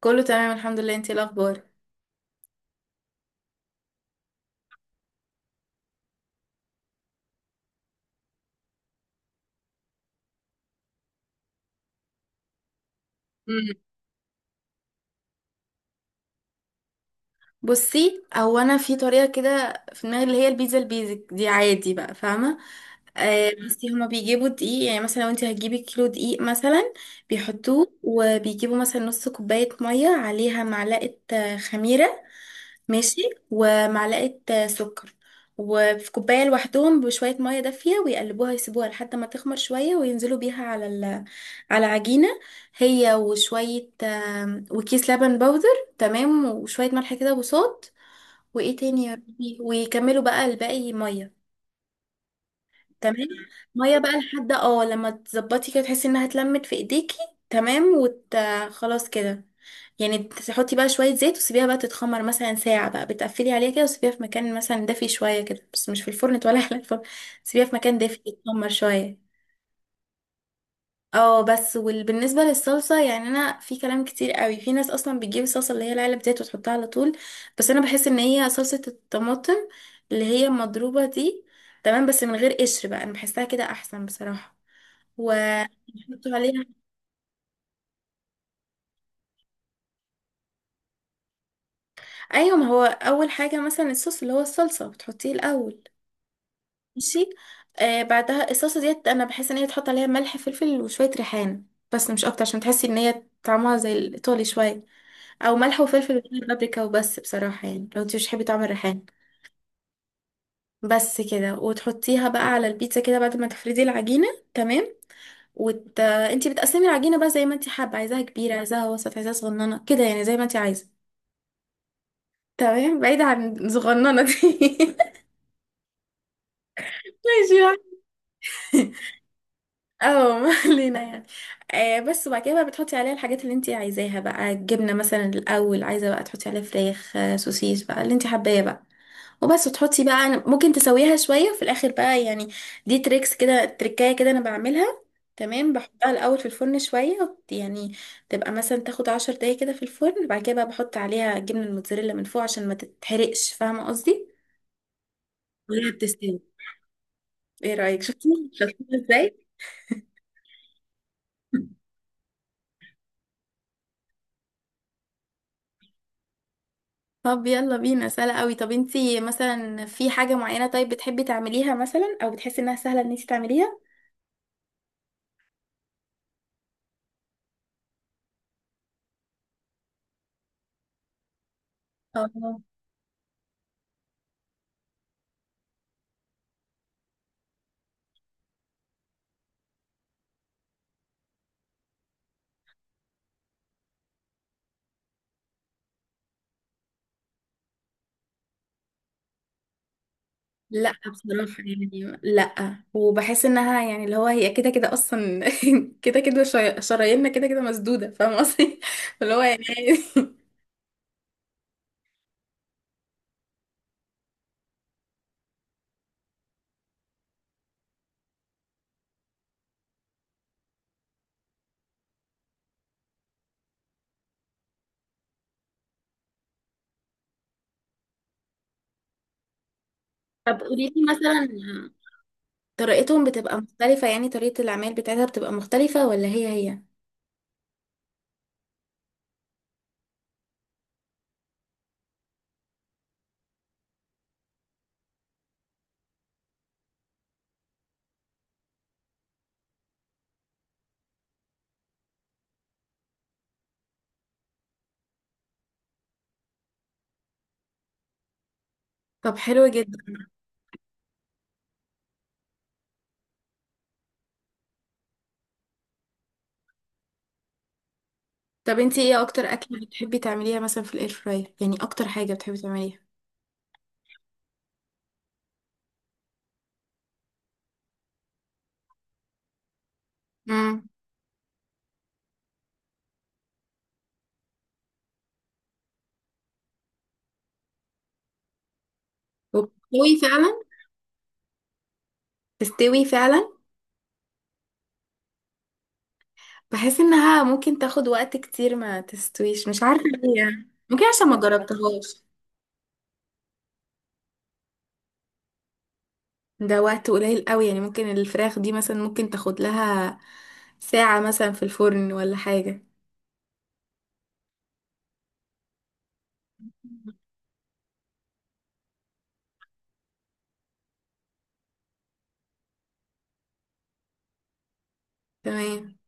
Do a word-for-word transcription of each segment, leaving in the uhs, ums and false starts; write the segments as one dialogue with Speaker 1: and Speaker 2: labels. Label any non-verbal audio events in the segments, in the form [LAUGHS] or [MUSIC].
Speaker 1: كله تمام الحمد لله، انتي ايه الاخبار؟ مم. بصي هو انا في طريقه كده في دماغي، اللي هي البيتزا البيزك دي عادي بقى، فاهمه. آه بصي هما بيجيبوا دقيق، يعني مثلا لو انتي هتجيبي كيلو دقيق مثلا بيحطوه، وبيجيبوا مثلا نص كوبايه ميه عليها معلقه آه، خميره. ماشي. ومعلقة سكر، وفي كوباية لوحدهم بشوية مية دافية ويقلبوها، يسيبوها لحد ما تخمر شوية، وينزلوا بيها على ال... على عجينة، هي وشوية آم، وكيس لبن بودر. تمام، وشوية ملح كده وصوت. وايه تاني يا ربي، ويكملوا بقى الباقي مية. تمام، ميه بقى لحد اه لما تظبطي كده تحسي انها اتلمت في ايديكي. تمام وت... خلاص كده. يعني تحطي بقى شويه زيت، وسيبيها بقى تتخمر مثلا ساعه بقى، بتقفلي عليها كده، وسيبيها في مكان مثلا دافي شويه كده، بس مش في الفرن ولا [LAUGHS] على الفرن. سيبيها في مكان دافي تتخمر شويه. اه بس، وبالنسبه للصلصه يعني انا في كلام كتير قوي. في ناس اصلا بتجيب الصلصه اللي هي العلب ديت وتحطها على طول، بس انا بحس ان هي صلصه الطماطم اللي هي مضروبه دي، تمام، بس من غير قشر بقى، انا بحسها كده احسن بصراحه، ونحط عليها. ايوه، ما هو اول حاجه مثلا الصوص اللي هو الصلصه بتحطيه الاول. ماشي. آه بعدها الصلصه ديت انا بحس ان هي تحط عليها ملح فلفل وشويه ريحان، بس مش اكتر عشان تحسي ان هي طعمها زي الايطالي شويه. او ملح وفلفل وبابريكا وبس بصراحه، يعني لو انت مش بتحبي طعم الريحان بس كده، وتحطيها بقى على البيتزا كده بعد ما تفردي العجينه. تمام وت... انت بتقسمي العجينه بقى زي ما انت حابه، عايزاها كبيره، عايزاها وسط، عايزاها صغننه كده، يعني زي ما انت عايزه. تمام، بعيد عن صغننة دي [LAUGHS] ماشي يعني. [LAUGHS] اه ما علينا يعني. آه بس، وبعد كده بقى بتحطي عليها الحاجات اللي انت عايزاها بقى، الجبنه مثلا الاول، عايزه بقى تحطي عليها فراخ آه، سوسيس بقى، اللي انت حباه بقى. وبس، وتحطي بقى، ممكن تسويها شويه في الاخر بقى يعني. دي تريكس كده، تركايه كده انا بعملها. تمام، بحطها الاول في الفرن شويه وت- يعني تبقى مثلا تاخد عشر دقايق كده في الفرن، بعد كده بقى بحط عليها الجبنه الموتزاريلا من فوق عشان ما تتحرقش، فاهمه قصدي. وهي بتستوي. ايه رايك، شفتي شفتيها ازاي؟ [LAUGHS] طب يلا بينا، سهلة قوي. طب انتي مثلا في حاجة معينة طيب بتحبي تعمليها مثلا، او بتحسي انها سهلة ان انتي تعمليها؟ اه. لا بصراحة يعني لا، وبحس انها يعني اللي هو هي كده كده اصلا [LAUGHS] كده كده شراييننا شراييننا كده كده مسدودة، فاهمة قصدي؟ [LAUGHS] اللي هو يعني [LAUGHS] طب قولي لي مثلا، طريقتهم بتبقى مختلفة، يعني طريقة العمل بتاعتها بتبقى مختلفة ولا هي هي؟ طب حلو جدا. طب انتي ايه اكتر اكلة بتحبي تعمليها مثلا في الاير فراير؟ يعني اكتر حاجة بتحبي تعمليها. وبتستوي فعلا؟ تستوي فعلا. بحس انها ممكن تاخد وقت كتير ما تستويش، مش عارفة ليه، يعني ممكن عشان ما جربتهاش. ده وقت قليل قوي، يعني ممكن الفراخ دي مثلا ممكن تاخد لها ساعة مثلا في الفرن ولا حاجة. تمام.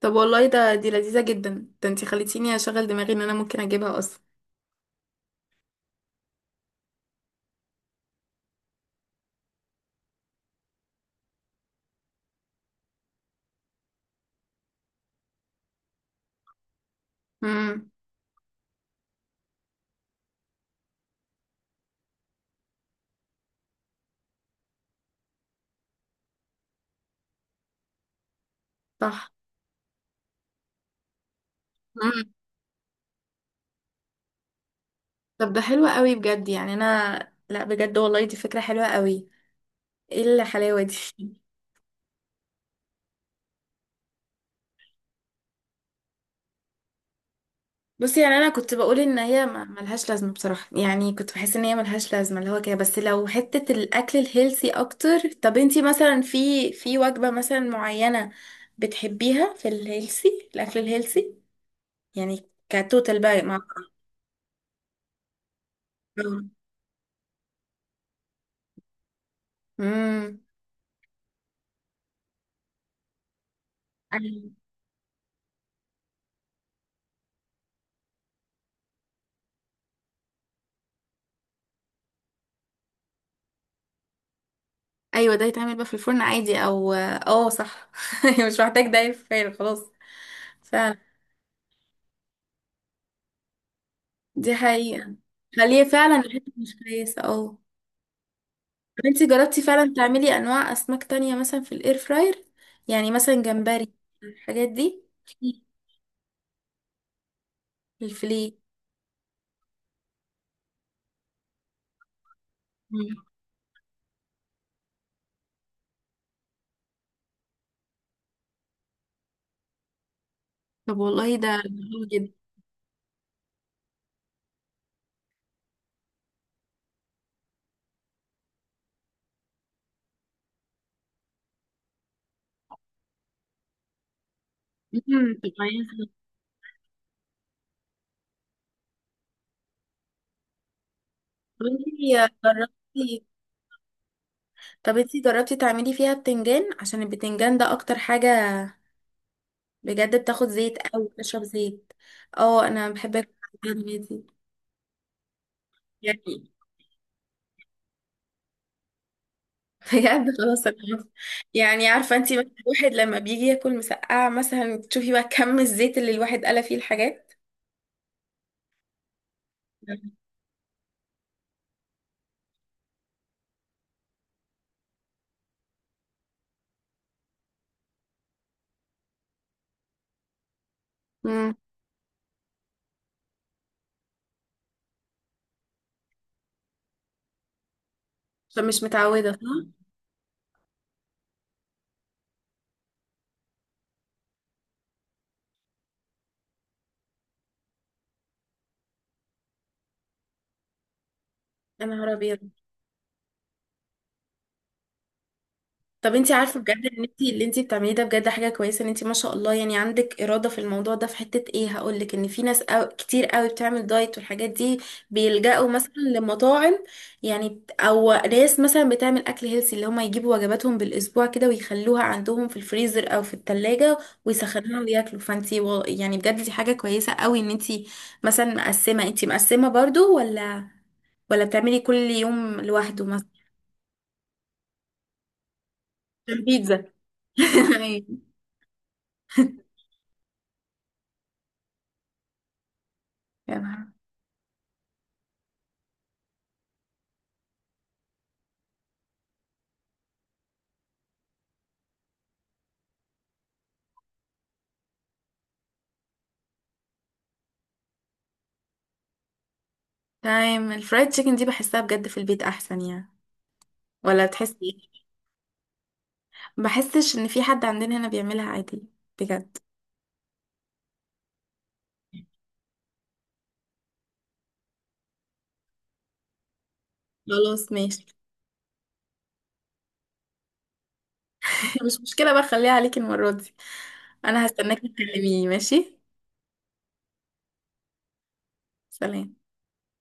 Speaker 1: طب والله ده دي لذيذة جدا، ده انتي خليتيني اشغل دماغي ان انا ممكن اجيبها اصلا. امم. صح. امم. طب ده حلو قوي بجد، يعني انا لا بجد والله دي فكرة حلوة قوي. ايه الحلاوة دي؟ بصي يعني انا كنت بقول ان هي ما- ملهاش لازمه بصراحه، يعني كنت بحس ان هي ملهاش لازمه اللي هو كده، بس لو حته الاكل الهيلثي اكتر. طب انتي مثلا في في وجبه مثلا معينه بتحبيها في الهيلثي، الاكل الهيلثي؟ يعني كتوتال بقى مع. امم. أيوة. ايوه ده يتعمل بقى في الفرن عادي، او اه صح [LAUGHS] مش محتاج ده يفعل خلاص. فعلا. دي حقيقه. خليه فعلا الحته مش كويسه اه. انت جربتي فعلا تعملي انواع اسماك تانية مثلا في الاير فراير؟ يعني مثلا جمبري، الحاجات دي. الفلي. مم. طب والله ده حلو جدا. مم، طب عايزة- طب انتي جربتي طب انتي جربتي تعملي فيها بتنجان، عشان البتنجان ده اكتر حاجة بجد بتاخد زيت او بتشرب زيت. اه انا بحب اكل البتنجان دي يعني [LAUGHS] بجد خلاص انا عارفة. يعني عارفة انتي، مثلا الواحد لما بيجي ياكل مسقعة مثلا تشوفي بقى كم الزيت اللي الواحد قلى فيه الحاجات. امم. فمش متعوده، صح. يا نهار ابيض. طب انت عارفه بجد ان انت اللي انت بتعمليه ده بجد حاجه كويسه، ان انت ما شاء الله يعني عندك اراده في الموضوع ده، في حته ايه هقول لك؟ ان في ناس أو كتير قوي بتعمل دايت والحاجات دي بيلجأوا مثلا لمطاعم، يعني بت- او ناس مثلا بتعمل اكل هيلسي، اللي هم يجيبوا وجباتهم بالاسبوع كده، ويخلوها عندهم في الفريزر او في التلاجة، ويسخنوها وياكلوا. فانت يعني بجد دي حاجه كويسه قوي، ان انت مثلا مقسمه، انت مقسمه برضو ولا ولا بتعملي كل يوم لوحده مثلا؟ عشان بيتزا [LAUGHS] أيوة. يا نهار. تمام. الفرايد تشيكن دي بحسها بجد في البيت احسن يعني، ولا بتحسي ايه؟ بحسش ان في حد عندنا هنا بيعملها عادي. بجد. خلاص ماشي [LAUGHS] مش مشكلة بقى، خليها عليكي المرة دي، انا هستناكي تكلميني ماشي. سلام.